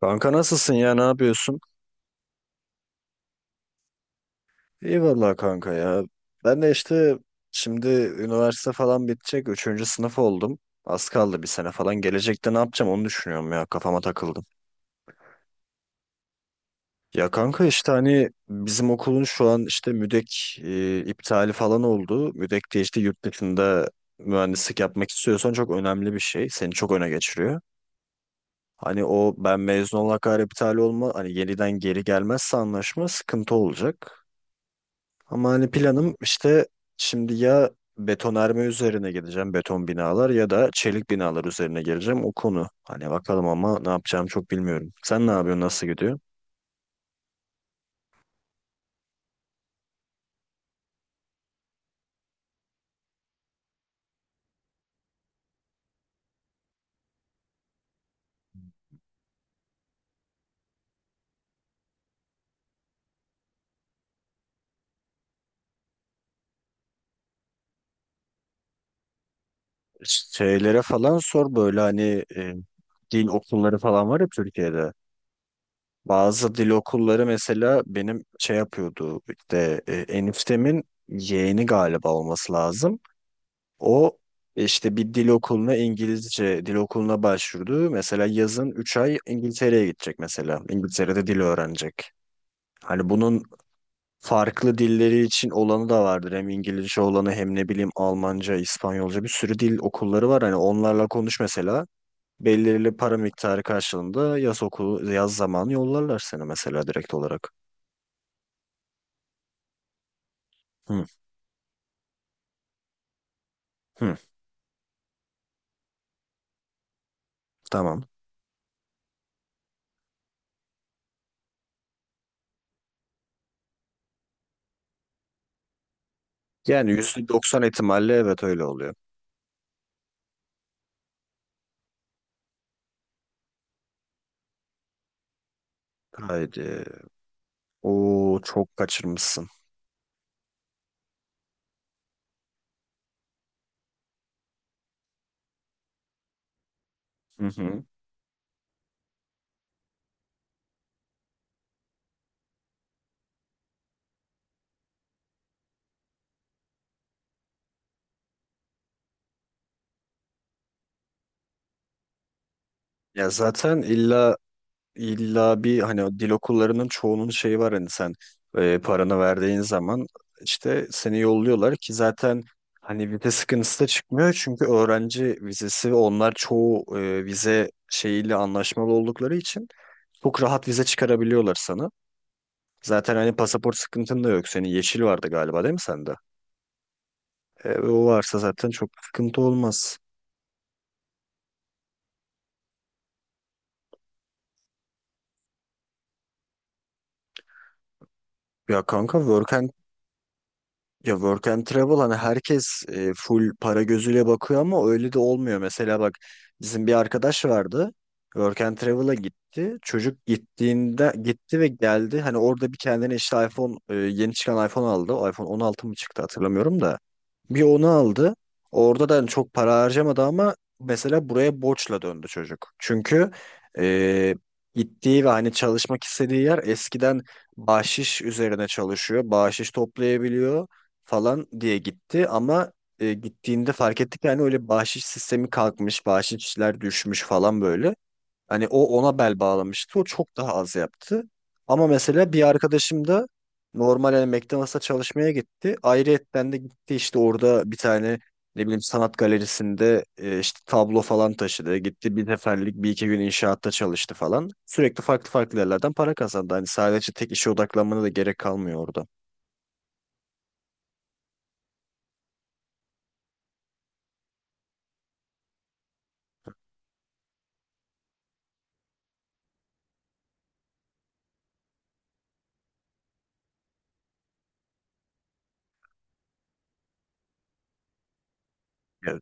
Kanka nasılsın ya ne yapıyorsun? İyi vallahi kanka ya. Ben de işte şimdi üniversite falan bitecek. Üçüncü sınıf oldum. Az kaldı bir sene falan. Gelecekte ne yapacağım onu düşünüyorum ya. Kafama takıldım. Ya kanka işte hani bizim okulun şu an işte müdek iptali falan oldu. Müdek de işte yurt dışında mühendislik yapmak istiyorsan çok önemli bir şey. Seni çok öne geçiriyor. Hani o ben mezun olana kadar iptal olma hani yeniden geri gelmezse anlaşma sıkıntı olacak. Ama hani planım işte şimdi ya betonarme üzerine gideceğim beton binalar ya da çelik binalar üzerine geleceğim o konu. Hani bakalım ama ne yapacağımı çok bilmiyorum. Sen ne yapıyorsun, nasıl gidiyor? Şeylere falan sor, böyle hani dil okulları falan var ya Türkiye'de. Bazı dil okulları mesela benim şey yapıyordu, işte eniftemin yeğeni galiba olması lazım. O işte bir dil okuluna, İngilizce dil okuluna başvurdu. Mesela yazın 3 ay İngiltere'ye gidecek mesela. İngiltere'de dil öğrenecek. Hani bunun farklı dilleri için olanı da vardır. Hem İngilizce olanı hem ne bileyim Almanca, İspanyolca bir sürü dil okulları var. Hani onlarla konuş mesela. Belirli para miktarı karşılığında yaz okulu, yaz zamanı yollarlar seni mesela direkt olarak. Hı, hı, tamam. Yani yüzde doksan ihtimalle evet öyle oluyor. Haydi. Oo çok kaçırmışsın. Hı hı. Ya zaten illa illa bir hani o dil okullarının çoğunun şeyi var, hani sen paranı verdiğin zaman işte seni yolluyorlar, ki zaten hani vize sıkıntısı da çıkmıyor çünkü öğrenci vizesi, onlar çoğu vize şeyiyle anlaşmalı oldukları için çok rahat vize çıkarabiliyorlar sana. Zaten hani pasaport sıkıntın da yok. Senin yeşil vardı galiba, değil mi sende? E, o varsa zaten çok sıkıntı olmaz. Ya kanka work Ya work and travel hani herkes full para gözüyle bakıyor ama öyle de olmuyor. Mesela bak, bizim bir arkadaş vardı. Work and travel'a gitti. Çocuk gittiğinde gitti ve geldi. Hani orada bir kendine işte iPhone, yeni çıkan iPhone aldı. O iPhone 16 mı çıktı hatırlamıyorum da. Bir onu aldı. Orada da hani çok para harcamadı ama mesela buraya borçla döndü çocuk. Çünkü e, gittiği ve hani çalışmak istediği yer eskiden bahşiş üzerine çalışıyor. Bahşiş toplayabiliyor falan diye gitti ama gittiğinde fark ettik, yani öyle bahşiş sistemi kalkmış, bahşişler düşmüş falan böyle. Hani o ona bel bağlamıştı. O çok daha az yaptı. Ama mesela bir arkadaşım da normal hani McDonald's'a çalışmaya gitti. Ayrıyetten de gitti, işte orada bir tane ne bileyim sanat galerisinde işte tablo falan taşıdı. Gitti, bir seferlik bir iki gün inşaatta çalıştı falan. Sürekli farklı farklı yerlerden para kazandı. Hani sadece tek işe odaklanmana da gerek kalmıyor orada. Ya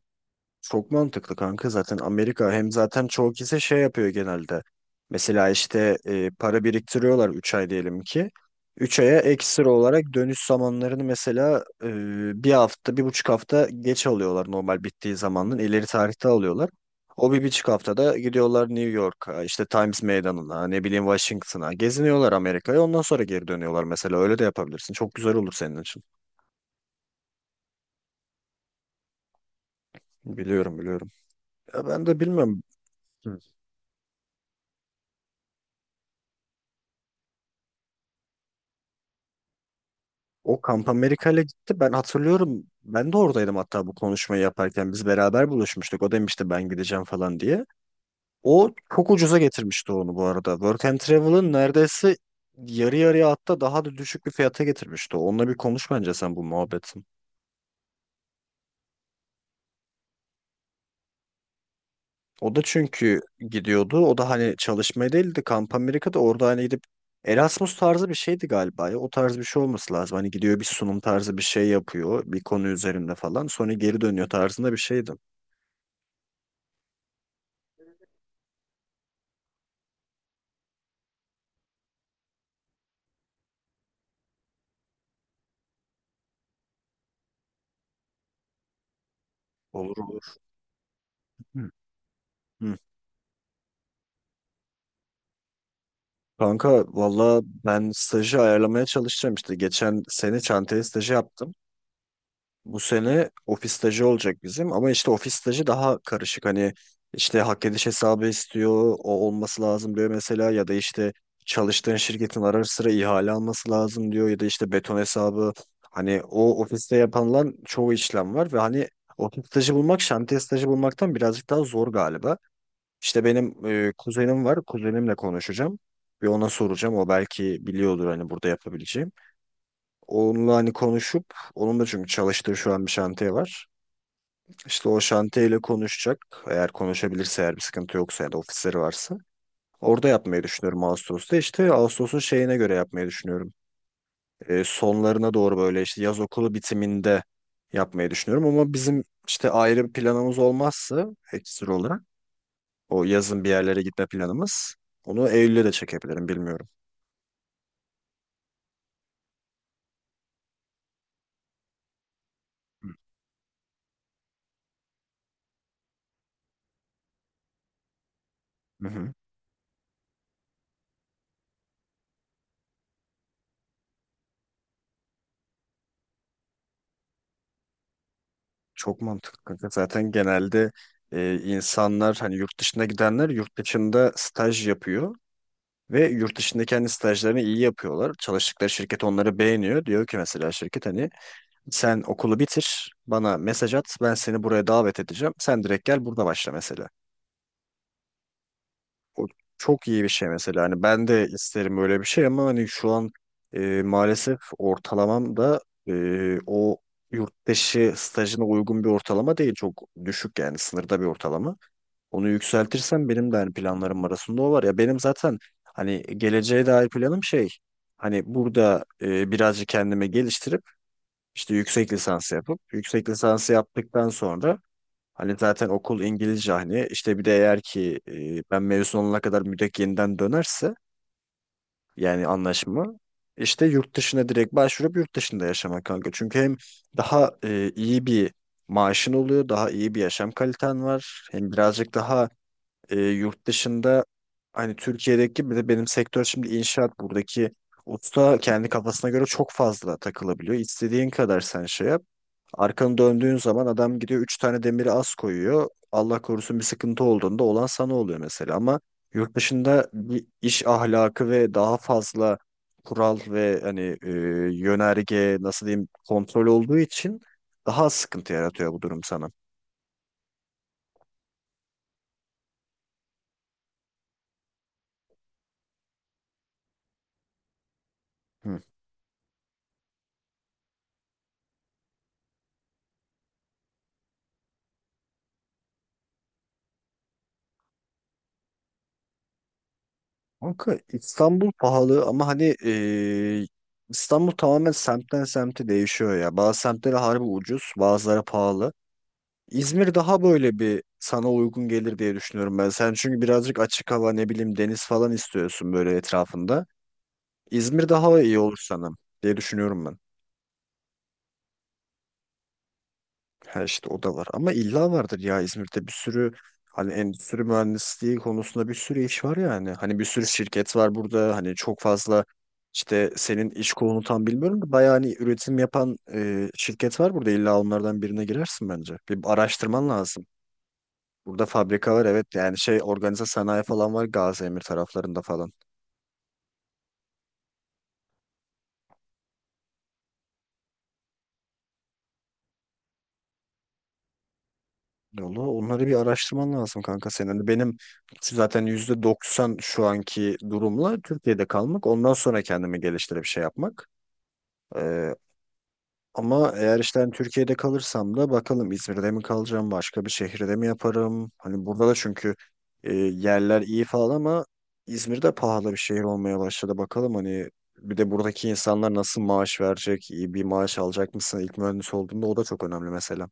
çok mantıklı kanka, zaten Amerika hem zaten çoğu kişi şey yapıyor genelde. Mesela işte para biriktiriyorlar, 3 ay diyelim ki. 3 aya ekstra olarak dönüş zamanlarını mesela 1 hafta, 1,5 hafta geç alıyorlar normal bittiği zamandan. İleri tarihte alıyorlar. O 1,5 haftada gidiyorlar New York'a, işte Times Meydanı'na, ne bileyim Washington'a. Geziniyorlar Amerika'ya, ondan sonra geri dönüyorlar mesela. Öyle de yapabilirsin. Çok güzel olur senin için. Biliyorum, biliyorum. Ya ben de bilmiyorum. O Kamp Amerika'yla gitti. Ben hatırlıyorum. Ben de oradaydım hatta bu konuşmayı yaparken. Biz beraber buluşmuştuk. O demişti ben gideceğim falan diye. O çok ucuza getirmişti onu bu arada. Work and Travel'ın neredeyse yarı yarıya, hatta daha da düşük bir fiyata getirmişti. Onunla bir konuş bence sen bu muhabbetin. O da çünkü gidiyordu. O da hani çalışmaya değildi. Kamp Amerika'da orada hani gidip Erasmus tarzı bir şeydi galiba ya. O tarz bir şey olması lazım. Hani gidiyor, bir sunum tarzı bir şey yapıyor. Bir konu üzerinde falan. Sonra geri dönüyor tarzında bir şeydi. Olur olur. Hı. Hı. Kanka valla ben stajı ayarlamaya çalışacağım işte. Geçen sene çantaya stajı yaptım. Bu sene ofis stajı olacak bizim, ama işte ofis stajı daha karışık. Hani işte hak ediş hesabı istiyor, o olması lazım diyor mesela, ya da işte çalıştığın şirketin ara sıra ihale alması lazım diyor, ya da işte beton hesabı. Hani o ofiste yapılan çoğu işlem var ve hani ofis stajı bulmak şantiye stajı bulmaktan birazcık daha zor galiba. İşte benim kuzenim var. Kuzenimle konuşacağım. Bir ona soracağım. O belki biliyordur hani burada yapabileceğim. Onunla hani konuşup, onun da çünkü çalıştığı şu an bir şantiye var. İşte o şantiyeyle konuşacak. Eğer konuşabilirse, eğer bir sıkıntı yoksa ya da ofisleri varsa. Orada yapmayı düşünüyorum Ağustos'ta. İşte Ağustos'un şeyine göre yapmayı düşünüyorum. Sonlarına doğru, böyle işte yaz okulu bitiminde yapmayı düşünüyorum. Ama bizim işte ayrı bir planımız olmazsa, ekstra olarak o yazın bir yerlere gitme planımız. Onu Eylül'e de çekebilirim bilmiyorum. Hı hı. Çok mantıklı kanka. Zaten genelde insanlar, hani yurt dışına gidenler yurt dışında staj yapıyor ve yurt dışında kendi stajlarını iyi yapıyorlar. Çalıştıkları şirket onları beğeniyor. Diyor ki mesela şirket, hani sen okulu bitir, bana mesaj at, ben seni buraya davet edeceğim. Sen direkt gel, burada başla mesela. O çok iyi bir şey mesela. Hani ben de isterim öyle bir şey ama hani şu an maalesef ortalamam da o yurt dışı stajına uygun bir ortalama değil. Çok düşük, yani sınırda bir ortalama. Onu yükseltirsem benim de hani planlarım arasında o var. Ya benim zaten hani geleceğe dair planım şey, hani burada birazcık kendimi geliştirip işte yüksek lisans yapıp, yüksek lisansı yaptıktan sonra hani zaten okul İngilizce, hani işte bir de eğer ki ben mezun olana kadar müdek yeniden dönerse, yani anlaşma işte, yurt dışına direkt başvurup yurt dışında yaşamak kanka. Çünkü hem daha iyi bir maaşın oluyor, daha iyi bir yaşam kaliten var. Hem birazcık daha yurt dışında hani, Türkiye'deki bir de benim sektör şimdi inşaat, buradaki usta kendi kafasına göre çok fazla takılabiliyor. İstediğin kadar sen şey yap. Arkanı döndüğün zaman adam gidiyor, 3 tane demiri az koyuyor. Allah korusun bir sıkıntı olduğunda olan sana oluyor mesela, ama yurt dışında bir iş ahlakı ve daha fazla kural ve hani yönerge, nasıl diyeyim, kontrol olduğu için daha az sıkıntı yaratıyor bu durum sana. Hı. Kanka İstanbul pahalı, ama hani İstanbul tamamen semtten semte değişiyor ya. Bazı semtlere harbi ucuz, bazıları pahalı. İzmir daha böyle bir sana uygun gelir diye düşünüyorum ben. Sen çünkü birazcık açık hava, ne bileyim deniz falan istiyorsun böyle etrafında. İzmir daha iyi olur sana diye düşünüyorum ben. Ha, işte o da var. Ama illa vardır ya, İzmir'de bir sürü hani endüstri mühendisliği konusunda bir sürü iş var yani. Hani bir sürü şirket var burada. Hani çok fazla işte, senin iş kolunu tam bilmiyorum da, bayağı hani üretim yapan şirket var burada. İlla onlardan birine girersin bence. Bir araştırman lazım. Burada fabrika var evet, yani şey organize sanayi falan var Gaziemir taraflarında falan. Valla onları bir araştırman lazım kanka senin. Hani benim zaten %90 şu anki durumla Türkiye'de kalmak. Ondan sonra kendimi geliştirip şey yapmak. Ee, ama eğer işte hani Türkiye'de kalırsam da bakalım, İzmir'de mi kalacağım, başka bir şehirde mi yaparım? Hani burada da çünkü yerler iyi falan ama İzmir'de pahalı bir şehir olmaya başladı. Bakalım hani bir de buradaki insanlar nasıl maaş verecek, iyi bir maaş alacak mısın? İlk mühendis olduğunda o da çok önemli mesela.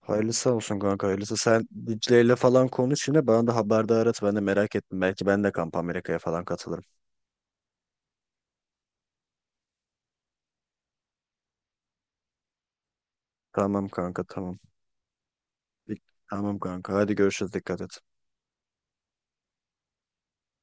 Hayırlısı olsun kanka, hayırlısı. Sen Dicle'yle falan konuş, yine bana da haberdar et. Ben de merak ettim. Belki ben de Kamp Amerika'ya falan katılırım. Tamam kanka, tamam. Tamam kanka, hadi görüşürüz, dikkat et.